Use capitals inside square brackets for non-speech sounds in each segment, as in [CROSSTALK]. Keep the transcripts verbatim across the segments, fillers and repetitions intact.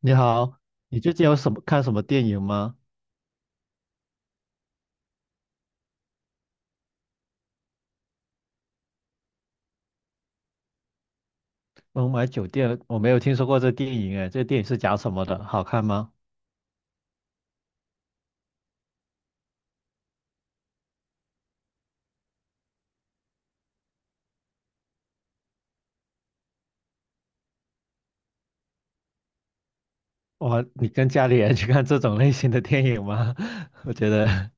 你好，你最近有什么看什么电影吗？孟买酒店，我没有听说过这电影哎，这电影是讲什么的？好看吗？哇，你跟家里人去看这种类型的电影吗？[LAUGHS] 我觉得，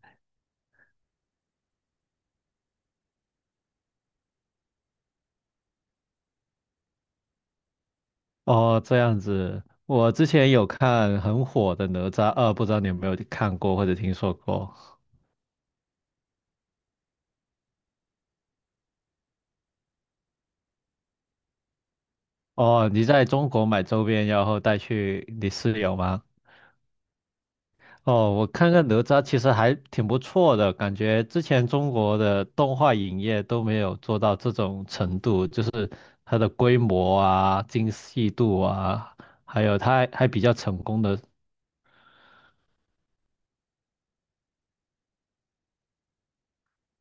哦，这样子，我之前有看很火的《哪吒二》，不知道你有没有看过或者听说过？哦，你在中国买周边，然后带去你室友吗？哦，我看看哪吒其实还挺不错的，感觉之前中国的动画影业都没有做到这种程度，就是它的规模啊、精细度啊，还有它还还比较成功的。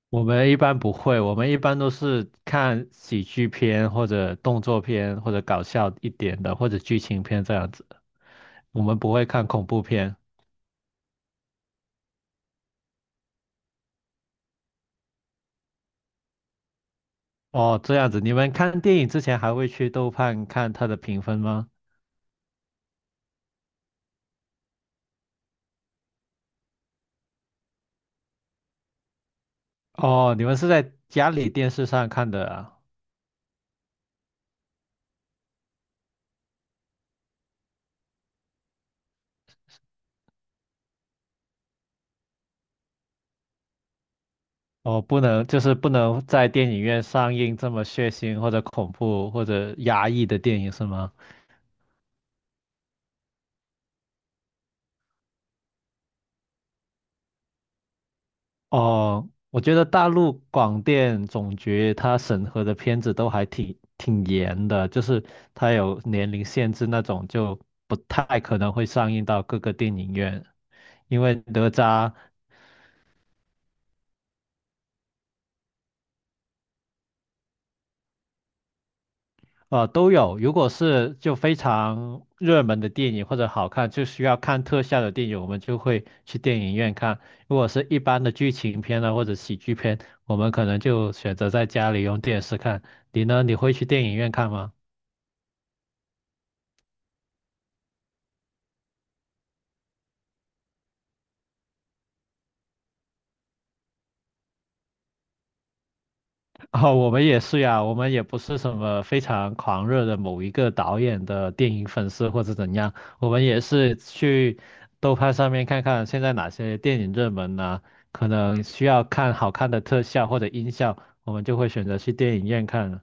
我们一般不会，我们一般都是看喜剧片或者动作片或者搞笑一点的或者剧情片这样子，我们不会看恐怖片。哦，这样子，你们看电影之前还会去豆瓣看它的评分吗？哦，你们是在家里电视上看的啊？哦，不能，就是不能在电影院上映这么血腥或者恐怖或者压抑的电影是吗？哦，我觉得大陆广电总局它审核的片子都还挺挺严的，就是它有年龄限制那种，就不太可能会上映到各个电影院，因为哪吒。呃，都有。如果是就非常热门的电影或者好看，就需要看特效的电影，我们就会去电影院看。如果是一般的剧情片呢，或者喜剧片，我们可能就选择在家里用电视看。你呢？你会去电影院看吗？哦，我们也是呀，我们也不是什么非常狂热的某一个导演的电影粉丝或者怎样，我们也是去豆瓣上面看看现在哪些电影热门呢、可能需要看好看的特效或者音效，我们就会选择去电影院看。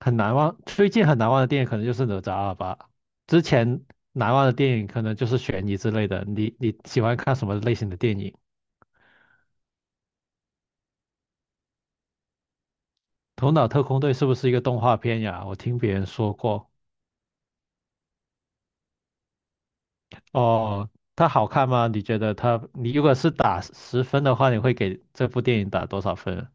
很难忘，最近很难忘的电影可能就是《哪吒二》吧，之前难忘的电影可能就是悬疑之类的。你你喜欢看什么类型的电影？《头脑特工队》是不是一个动画片呀？我听别人说过。哦，它好看吗？你觉得它，你如果是打十分的话，你会给这部电影打多少分？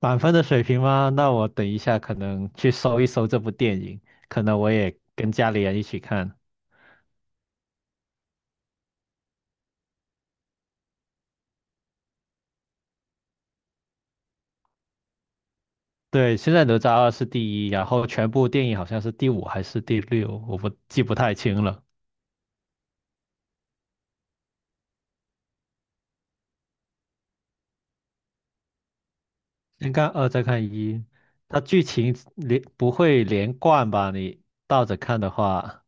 满分的水平吗？那我等一下可能去搜一搜这部电影，可能我也跟家里人一起看。对，现在哪吒二是第一，然后全部电影好像是第五还是第六，我不记不太清了。先看二，再看一，它剧情连不会连贯吧？你倒着看的话，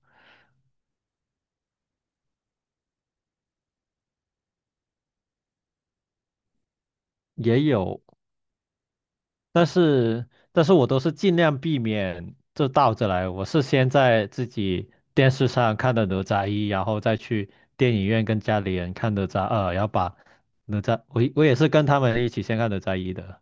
也有。但是但是我都是尽量避免这倒着来，我是先在自己电视上看的《哪吒一》，然后再去电影院跟家里人看《哪吒二》，然后把哪吒，我我也是跟他们一起先看《哪吒一》的。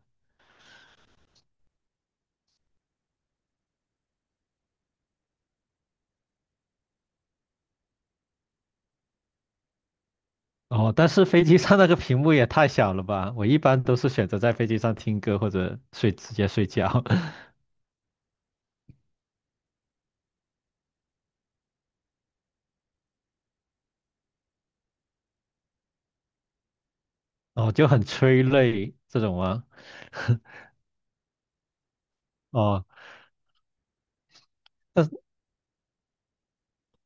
哦，但是飞机上那个屏幕也太小了吧！我一般都是选择在飞机上听歌或者睡，直接睡觉，[LAUGHS] 哦，就很催泪这种啊。[LAUGHS] 哦，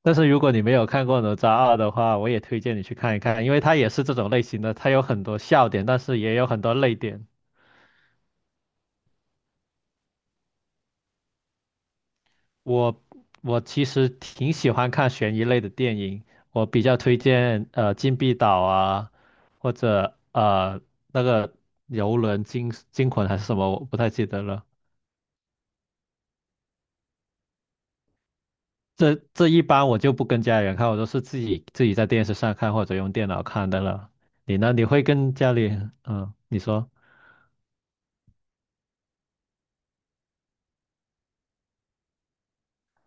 但是如果你没有看过《哪吒二》的话，我也推荐你去看一看，因为它也是这种类型的，它有很多笑点，但是也有很多泪点。我我其实挺喜欢看悬疑类的电影，我比较推荐呃《禁闭岛》啊，或者呃那个游轮惊惊魂还是什么，我不太记得了。这这一般我就不跟家里人看，我都是自己自己在电视上看或者用电脑看的了。你呢？你会跟家里嗯，你说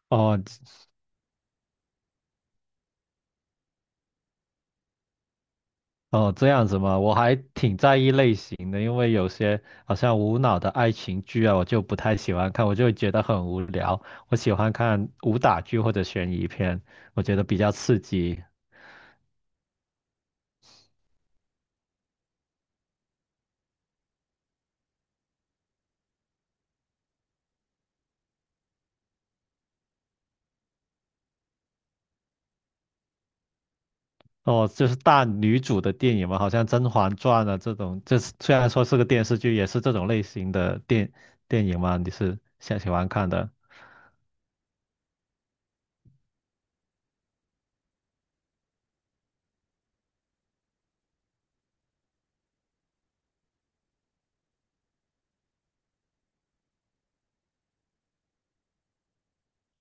哦，哦，这样子嘛，我还挺在意类型的，因为有些好像无脑的爱情剧啊，我就不太喜欢看，我就会觉得很无聊。我喜欢看武打剧或者悬疑片，我觉得比较刺激。哦，就是大女主的电影嘛，好像《甄嬛传》啊这种，就是虽然说是个电视剧，也是这种类型的电电影嘛，你是想喜欢看的，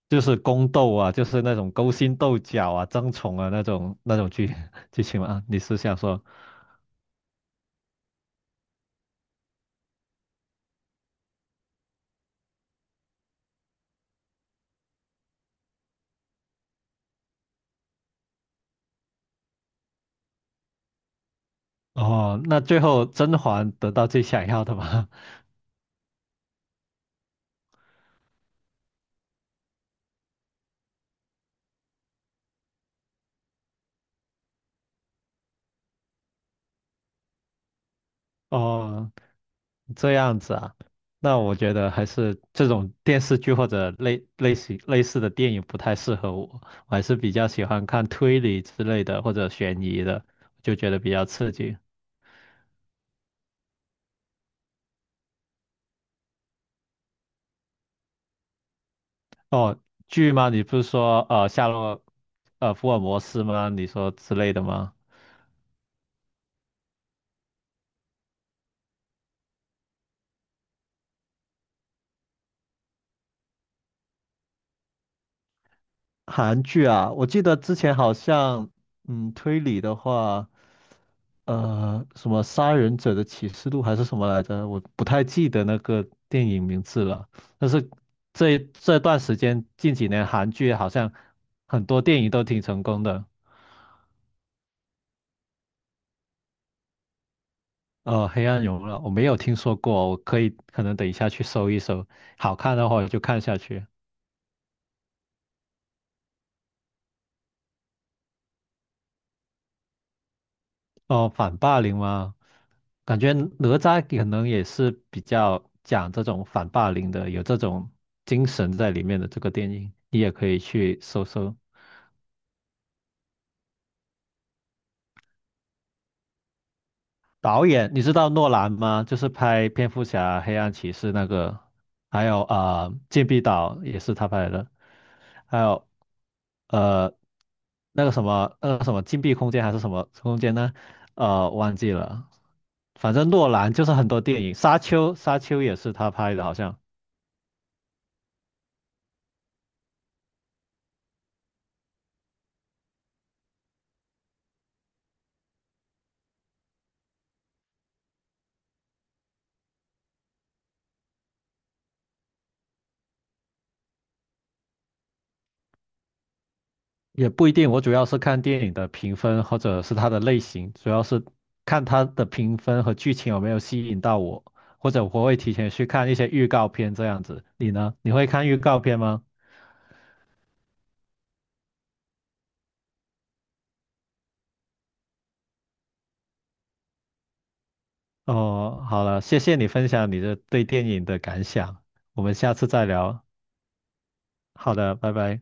就是宫斗啊，就是那种勾心斗角啊、争宠啊那种那种剧 [LAUGHS] 剧情嘛，啊你是想说？哦，那最后甄嬛得到最想要的吗？[LAUGHS] 哦，这样子啊，那我觉得还是这种电视剧或者类类型类似的电影不太适合我，我还是比较喜欢看推理之类的或者悬疑的，就觉得比较刺激。哦，剧吗？你不是说呃夏洛呃福尔摩斯吗？你说之类的吗？韩剧啊，我记得之前好像，嗯，推理的话，呃，什么《杀人者的启示录》还是什么来着，我不太记得那个电影名字了。但是这这段时间近几年韩剧好像很多电影都挺成功的。呃，《黑暗荣耀》我没有听说过，我可以可能等一下去搜一搜，好看的话我就看下去。哦，反霸凌吗？感觉哪吒可能也是比较讲这种反霸凌的，有这种精神在里面的这个电影，你也可以去搜搜。导演，你知道诺兰吗？就是拍蝙蝠侠、黑暗骑士那个，还有啊、呃禁闭岛也是他拍的，还有呃那个什么那个什么禁闭空间还是什么空间呢？呃，忘记了。反正诺兰就是很多电影，《沙丘》《沙丘》也是他拍的，好像。也不一定，我主要是看电影的评分或者是它的类型，主要是看它的评分和剧情有没有吸引到我，或者我会提前去看一些预告片这样子。你呢？你会看预告片吗？哦，好了，谢谢你分享你的对电影的感想，我们下次再聊。好的，拜拜。